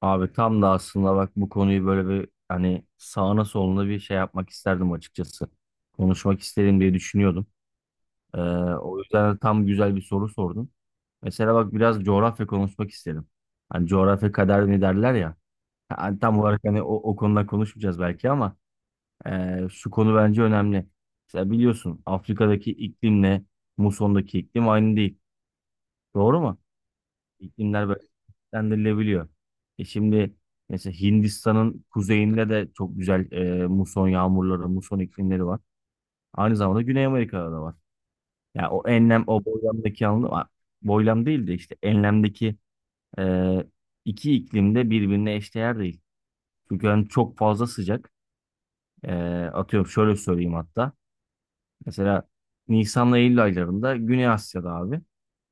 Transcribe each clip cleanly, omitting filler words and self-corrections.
Abi tam da aslında bak bu konuyu böyle bir hani sağına soluna bir şey yapmak isterdim açıkçası. Konuşmak isterim diye düşünüyordum. Ee, o yüzden de tam güzel bir soru sordun. Mesela bak biraz coğrafya konuşmak isterim. Hani coğrafya kader mi derler ya. Hani tam olarak hani o konuda konuşmayacağız belki ama şu konu bence önemli. Mesela biliyorsun Afrika'daki iklimle Muson'daki iklim aynı değil. Doğru mu? İklimler dendirilebiliyor. E şimdi mesela Hindistan'ın kuzeyinde de çok güzel muson yağmurları, muson iklimleri var. Aynı zamanda Güney Amerika'da da var. Yani o enlem, o boylamdaki anlamda var. Boylam değil de işte enlemdeki e, iki iklim de birbirine eşdeğer değil. Çünkü hani çok fazla sıcak. E, atıyorum şöyle söyleyeyim hatta. Mesela Nisan'la Eylül aylarında Güney Asya'da abi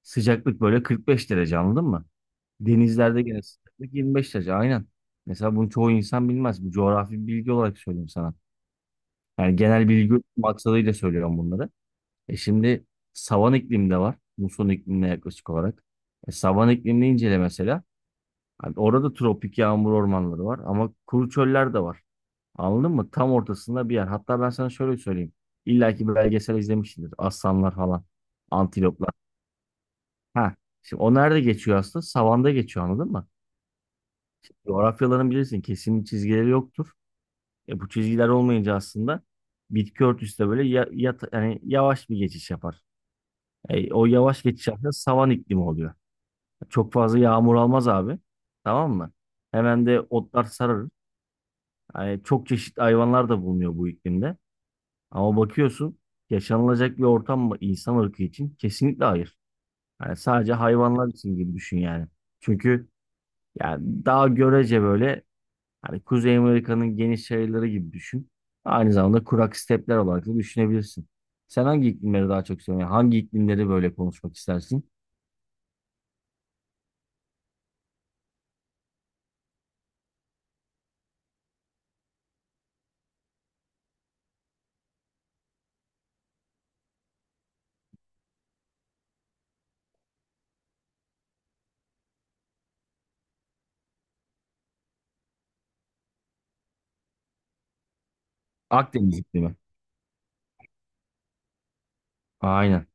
sıcaklık böyle 45 derece anladın mı? Denizlerde gene sıcaklık 25 derece aynen. Mesela bunu çoğu insan bilmez. Bu coğrafi bir bilgi olarak söyleyeyim sana. Yani genel bilgi maksadıyla söylüyorum bunları. E şimdi savan iklim de var. Muson iklimine yaklaşık olarak. E savan iklimini incele mesela. Hani orada tropik yağmur ormanları var ama kuru çöller de var. Anladın mı? Tam ortasında bir yer. Hatta ben sana şöyle söyleyeyim. İlla ki belgesel izlemişsindir. Aslanlar falan. Antiloplar. Ha. Şimdi o nerede geçiyor aslında? Savanda geçiyor anladın mı? Coğrafyaların bilirsin kesin çizgileri yoktur. E, bu çizgiler olmayınca aslında bitki örtüsü de böyle ya, yani yavaş bir geçiş yapar. E, o yavaş geçiş aslında savan iklimi oluyor. Çok fazla yağmur almaz abi. Tamam mı? Hemen de otlar sararır. Yani çok çeşitli hayvanlar da bulunuyor bu iklimde. Ama bakıyorsun yaşanılacak bir ortam mı insan ırkı için? Kesinlikle hayır. Yani sadece hayvanlar için gibi düşün yani. Çünkü yani daha görece böyle hani Kuzey Amerika'nın geniş yaylaları gibi düşün. Aynı zamanda kurak stepler olarak da düşünebilirsin. Sen hangi iklimleri daha çok seviyorsun? Yani hangi iklimleri böyle konuşmak istersin? Akdeniz iklimi. Aynen.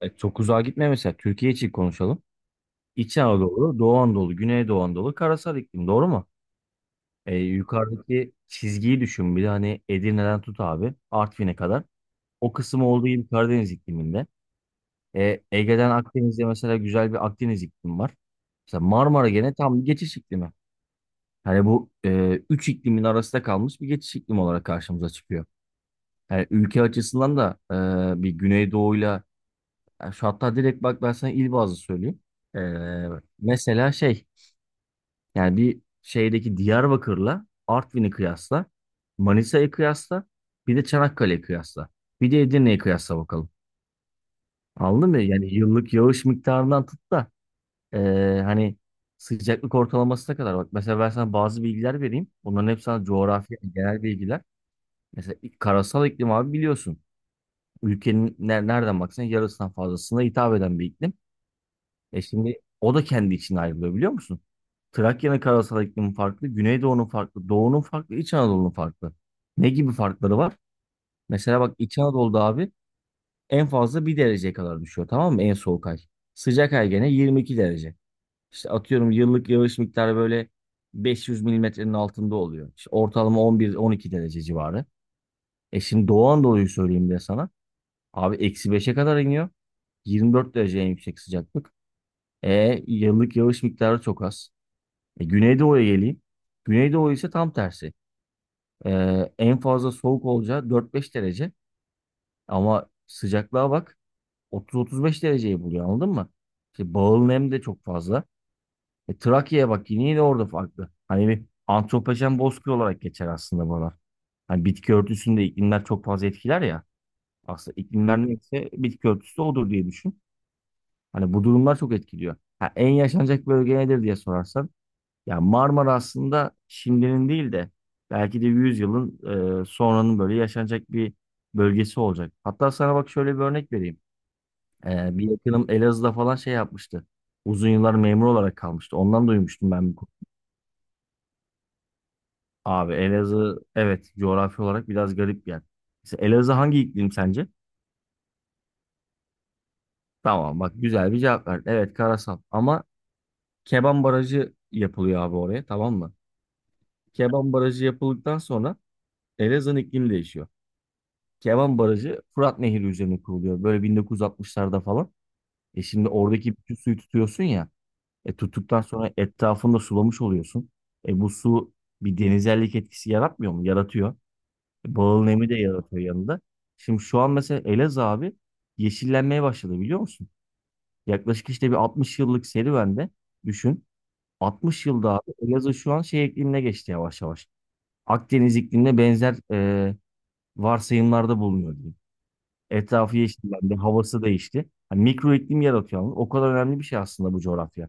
E, çok uzağa gitme mesela. Türkiye için konuşalım. İç Anadolu, Doğu Anadolu, Güneydoğu Anadolu, karasal iklim. Doğru mu? E, yukarıdaki çizgiyi düşün. Bir de hani Edirne'den tut abi. Artvin'e kadar. O kısım olduğu gibi Karadeniz ikliminde. E, Ege'den Akdeniz'de mesela güzel bir Akdeniz iklimi var. Mesela Marmara gene tam bir geçiş iklimi. Hani bu üç iklimin arasında kalmış bir geçiş iklim olarak karşımıza çıkıyor. Yani ülke açısından da bir Güneydoğu'yla yani şu hatta direkt bak ben sana il bazlı söyleyeyim. E, mesela şey yani bir şeydeki Diyarbakır'la Artvin'i kıyasla, Manisa'yı kıyasla, bir de Çanakkale'yi kıyasla, bir de Edirne'yi kıyasla bakalım. Anladın mı? Yani yıllık yağış miktarından tut da e, hani sıcaklık ortalamasına kadar bak. Mesela ben sana bazı bilgiler vereyim. Bunların hepsi sana coğrafya, genel bilgiler. Mesela karasal iklim abi biliyorsun. Ülkenin nereden baksan yarısından fazlasına hitap eden bir iklim. E şimdi o da kendi içine ayrılıyor biliyor musun? Trakya'nın karasal iklimi farklı, Güneydoğu'nun farklı, Doğu'nun farklı, İç Anadolu'nun farklı. Ne gibi farkları var? Mesela bak İç Anadolu'da abi en fazla bir dereceye kadar düşüyor, tamam mı? En soğuk ay. Sıcak ay gene 22 derece. İşte atıyorum yıllık yağış miktarı böyle 500 milimetrenin altında oluyor. İşte ortalama 11-12 derece civarı. E şimdi Doğu Anadolu'yu söyleyeyim de sana. Abi eksi beşe kadar iniyor. 24 derece en yüksek sıcaklık. E yıllık yağış miktarı çok az. E, Güneydoğu'ya geleyim. Güneydoğu ise tam tersi. E, en fazla soğuk olacağı 4-5 derece. Ama sıcaklığa bak, 30-35 dereceyi buluyor anladın mı? İşte bağıl nem de çok fazla. E, Trakya'ya bak, yine yine orada farklı. Hani bir antropojen bozkır olarak geçer aslında buralar. Hani bitki örtüsünde iklimler çok fazla etkiler ya. Aslında iklimler neyse bitki örtüsü de odur diye düşün. Hani bu durumlar çok etkiliyor. Ha, en yaşanacak bölge nedir diye sorarsan. Ya Marmara aslında şimdinin değil de belki de 100 yılın sonranın böyle yaşanacak bir bölgesi olacak. Hatta sana bak şöyle bir örnek vereyim. E, bir yakınım Elazığ'da falan şey yapmıştı. Uzun yıllar memur olarak kalmıştı. Ondan duymuştum ben bu konu. Abi Elazığ evet coğrafi olarak biraz garip bir yer. Mesela Elazığ hangi iklim sence? Tamam bak, güzel bir cevap verdin. Evet karasal ama Keban Barajı yapılıyor abi oraya, tamam mı? Keban Barajı yapıldıktan sonra Elazığ'ın iklimi değişiyor. Keban Barajı Fırat Nehri üzerine kuruluyor. Böyle 1960'larda falan. E şimdi oradaki bütün suyu tutuyorsun ya. E tuttuktan sonra etrafında sulamış oluyorsun. E bu su bir denizellik etkisi yaratmıyor mu? Yaratıyor. E bağıl nemi de yaratıyor yanında. Şimdi şu an mesela Elazığ abi yeşillenmeye başladı biliyor musun? Yaklaşık işte bir 60 yıllık serüvende düşün. 60 yılda abi Elazığ şu an şey iklimine geçti yavaş yavaş. Akdeniz iklimine benzer varsayımlarda bulunuyor diyeyim. Etrafı yeşillendi, havası değişti. Hani mikro iklim yaratıyor ama o kadar önemli bir şey aslında bu coğrafya.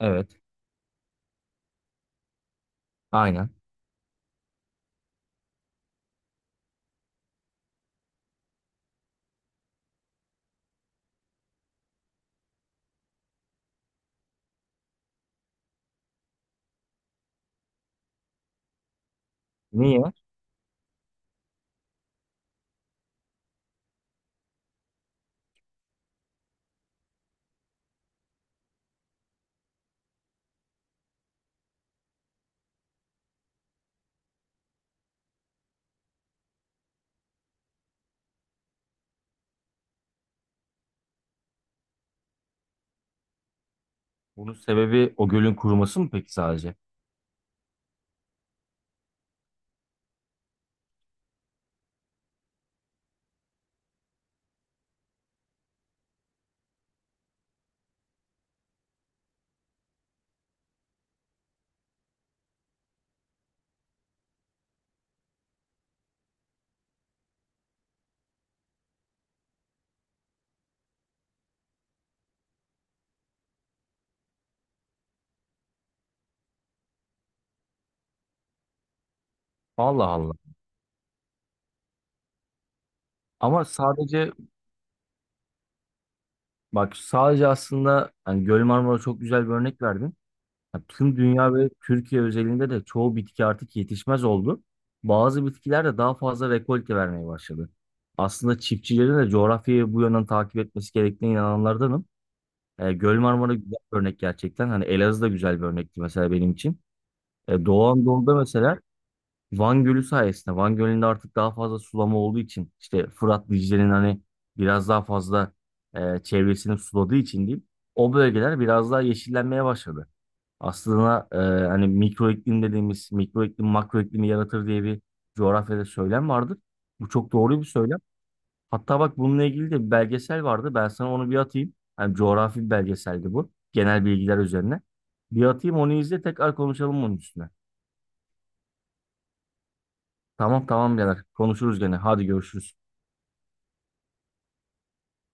Evet, aynen. Niye? Bunun sebebi o gölün kuruması mı peki sadece? Allah Allah. Ama sadece bak, sadece aslında hani Göl Marmara çok güzel bir örnek verdin. Ya tüm dünya ve Türkiye özelinde de çoğu bitki artık yetişmez oldu. Bazı bitkiler de daha fazla rekolte vermeye başladı. Aslında çiftçilerin de coğrafyayı bu yönden takip etmesi gerektiğine inananlardanım. E, Göl Marmara güzel bir örnek gerçekten. Hani Elazığ da güzel bir örnekti mesela benim için. E, Doğu Anadolu'da mesela Van Gölü sayesinde, Van Gölü'nde artık daha fazla sulama olduğu için, işte Fırat Dicle'nin hani biraz daha fazla çevresini suladığı için diyeyim. O bölgeler biraz daha yeşillenmeye başladı. Aslında hani mikro iklim dediğimiz, mikro iklim makro iklimi yaratır diye bir coğrafyada söylem vardır. Bu çok doğru bir söylem. Hatta bak bununla ilgili de bir belgesel vardı. Ben sana onu bir atayım. Hani coğrafi bir belgeseldi bu. Genel bilgiler üzerine. Bir atayım, onu izle, tekrar konuşalım onun üstüne. Tamam, tamam, birader. Konuşuruz gene. Hadi görüşürüz.